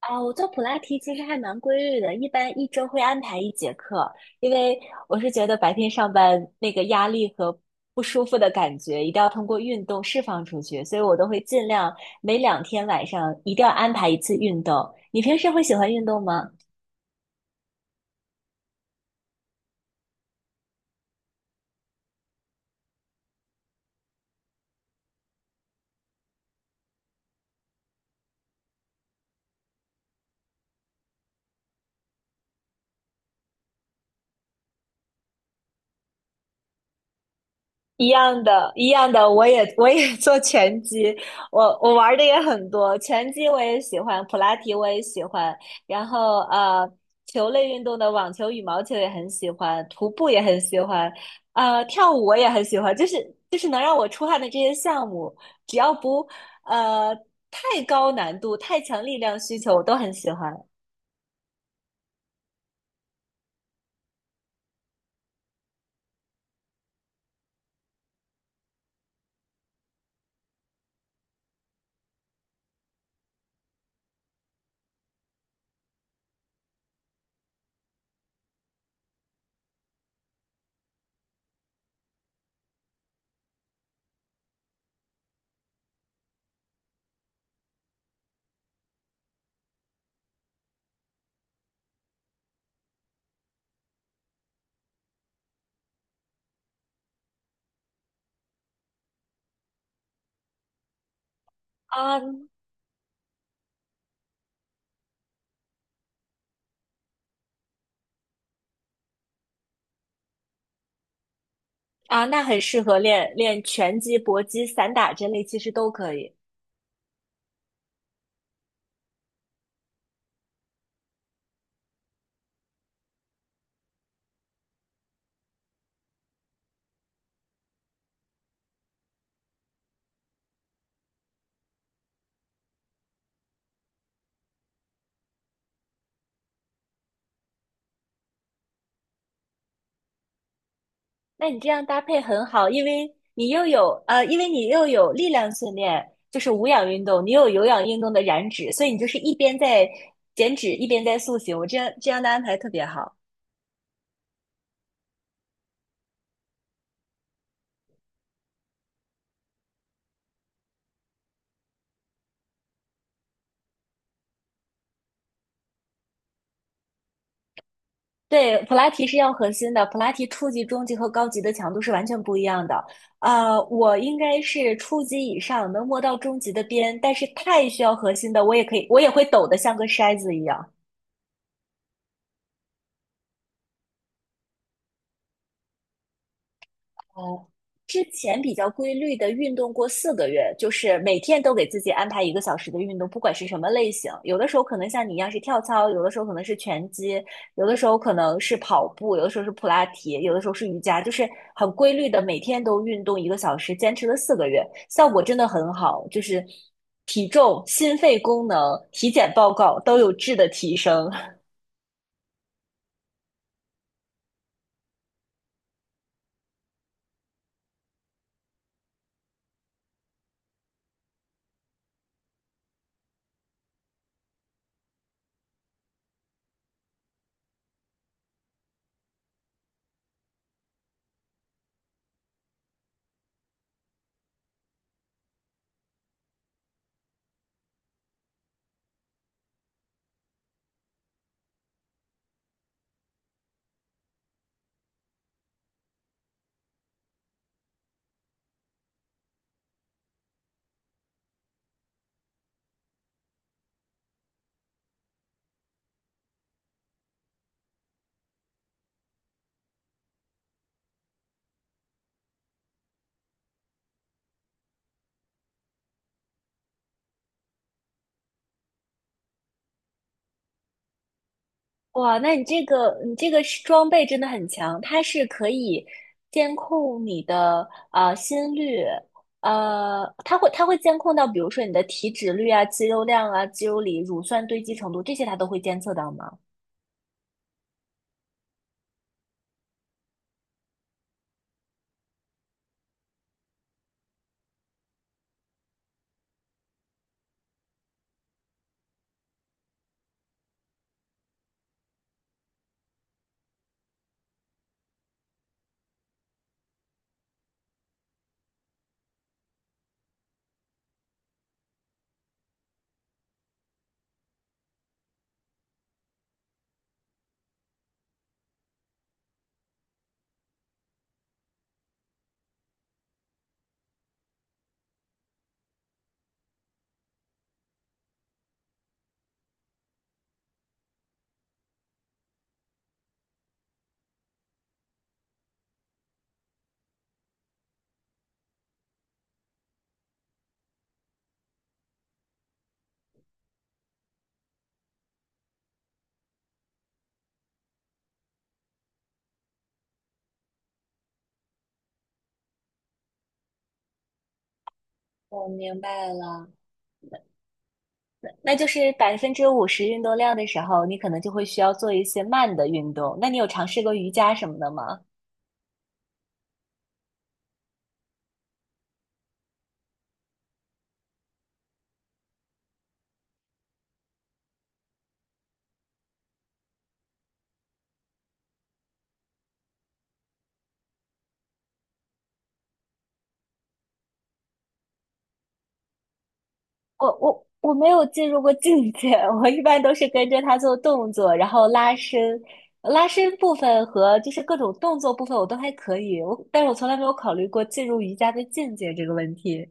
啊，我做普拉提其实还蛮规律的，一般一周会安排一节课，因为我是觉得白天上班那个压力和不舒服的感觉，一定要通过运动释放出去，所以我都会尽量每2天晚上一定要安排一次运动。你平时会喜欢运动吗？一样的，一样的，我也 做拳击，我玩的也很多，拳击我也喜欢，普拉提我也喜欢，然后，球类运动的网球、羽毛球也很喜欢，徒步也很喜欢，呃，跳舞我也很喜欢，就是能让我出汗的这些项目，只要不呃太高难度、太强力量需求，我都很喜欢啊啊，那很适合练练拳击、搏击、散打这类，其实都可以。那你这样搭配很好，因为你又有,因为你又有力量训练，就是无氧运动，你又有有氧运动的燃脂，所以你就是一边在减脂，一边在塑形。我这样的安排特别好。对，普拉提是要核心的，普拉提初级、中级和高级的强度是完全不一样的。呃，我应该是初级以上，能摸到中级的边，但是太需要核心的，我也可以，我也会抖得像个筛子一样。哦，之前比较规律的运动过四个月，就是每天都给自己安排一个小时的运动，不管是什么类型。有的时候可能像你一样是跳操，有的时候可能是拳击，有的时候可能是跑步，有的时候是普拉提，有的时候是瑜伽，就是很规律的每天都运动一个小时，坚持了四个月，效果真的很好，就是体重、心肺功能、体检报告都有质的提升。哇，那你这个是装备真的很强，它是可以监控你的呃心率，呃，它会监控到，比如说你的体脂率啊、肌肉量啊、肌肉里乳酸堆积程度这些，它都会监测到吗？我明白了，那就是50%运动量的时候，你可能就会需要做一些慢的运动。那你有尝试过瑜伽什么的吗？我没有进入过境界，我一般都是跟着他做动作，然后拉伸，拉伸部分和就是各种动作部分我都还可以，我但是我从来没有考虑过进入瑜伽的境界这个问题。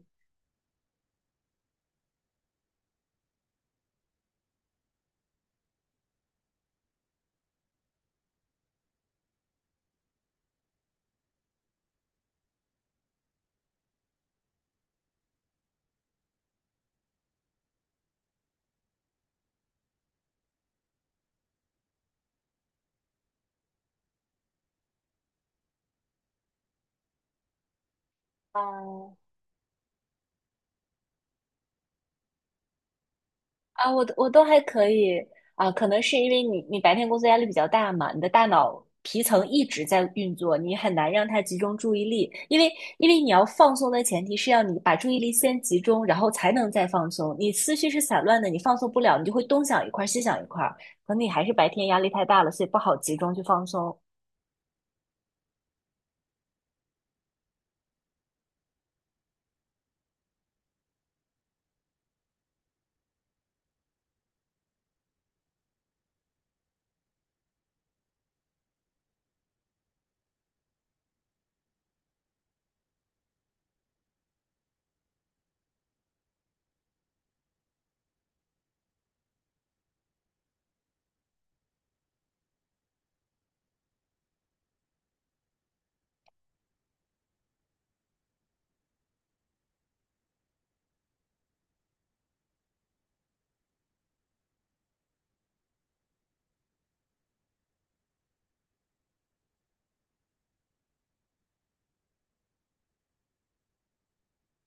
啊，我都还可以啊，可能是因为你白天工作压力比较大嘛，你的大脑皮层一直在运作，你很难让它集中注意力，因为你要放松的前提是要你把注意力先集中，然后才能再放松。你思绪是散乱的，你放松不了，你就会东想一块儿西想一块儿，可能你还是白天压力太大了，所以不好集中去放松。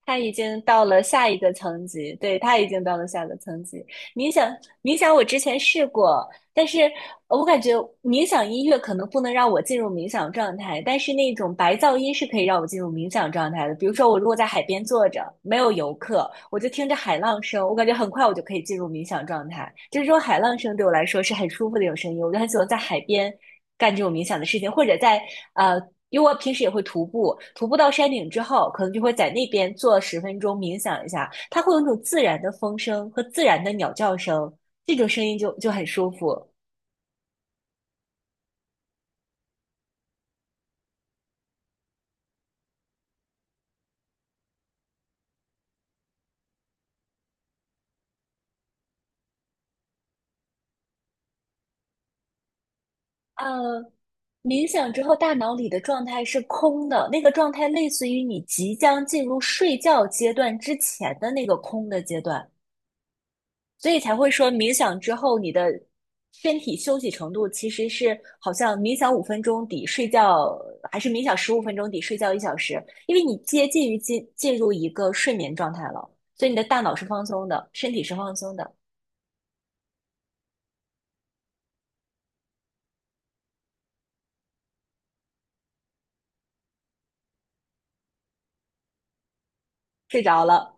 他已经到了下一个层级，对，他已经到了下一个层级。冥想，冥想，我之前试过，但是我感觉冥想音乐可能不能让我进入冥想状态，但是那种白噪音是可以让我进入冥想状态的。比如说，我如果在海边坐着，没有游客，我就听着海浪声，我感觉很快我就可以进入冥想状态。就是这种海浪声对我来说是很舒服的一种声音，我就很喜欢在海边干这种冥想的事情，或者在呃，因为我平时也会徒步，徒步到山顶之后，可能就会在那边坐十分钟冥想一下，它会有那种自然的风声和自然的鸟叫声。这种声音就很舒服。呃，冥想之后，大脑里的状态是空的，那个状态类似于你即将进入睡觉阶段之前的那个空的阶段，所以才会说冥想之后你的身体休息程度其实是好像冥想五分钟抵睡觉，还是冥想十五分钟抵睡觉1小时，因为你接近于进入一个睡眠状态了，所以你的大脑是放松的，身体是放松的，睡着了。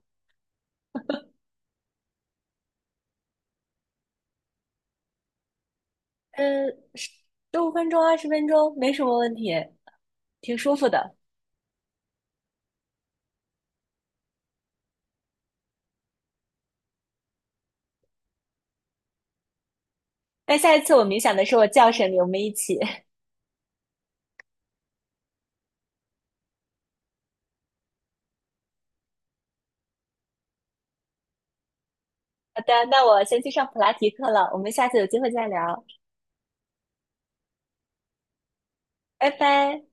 嗯，十五分钟、20分钟没什么问题，挺舒服的。那下一次我冥想的时候，我叫醒你，我们一起。好的，那我先去上普拉提课了，我们下次有机会再聊，拜拜。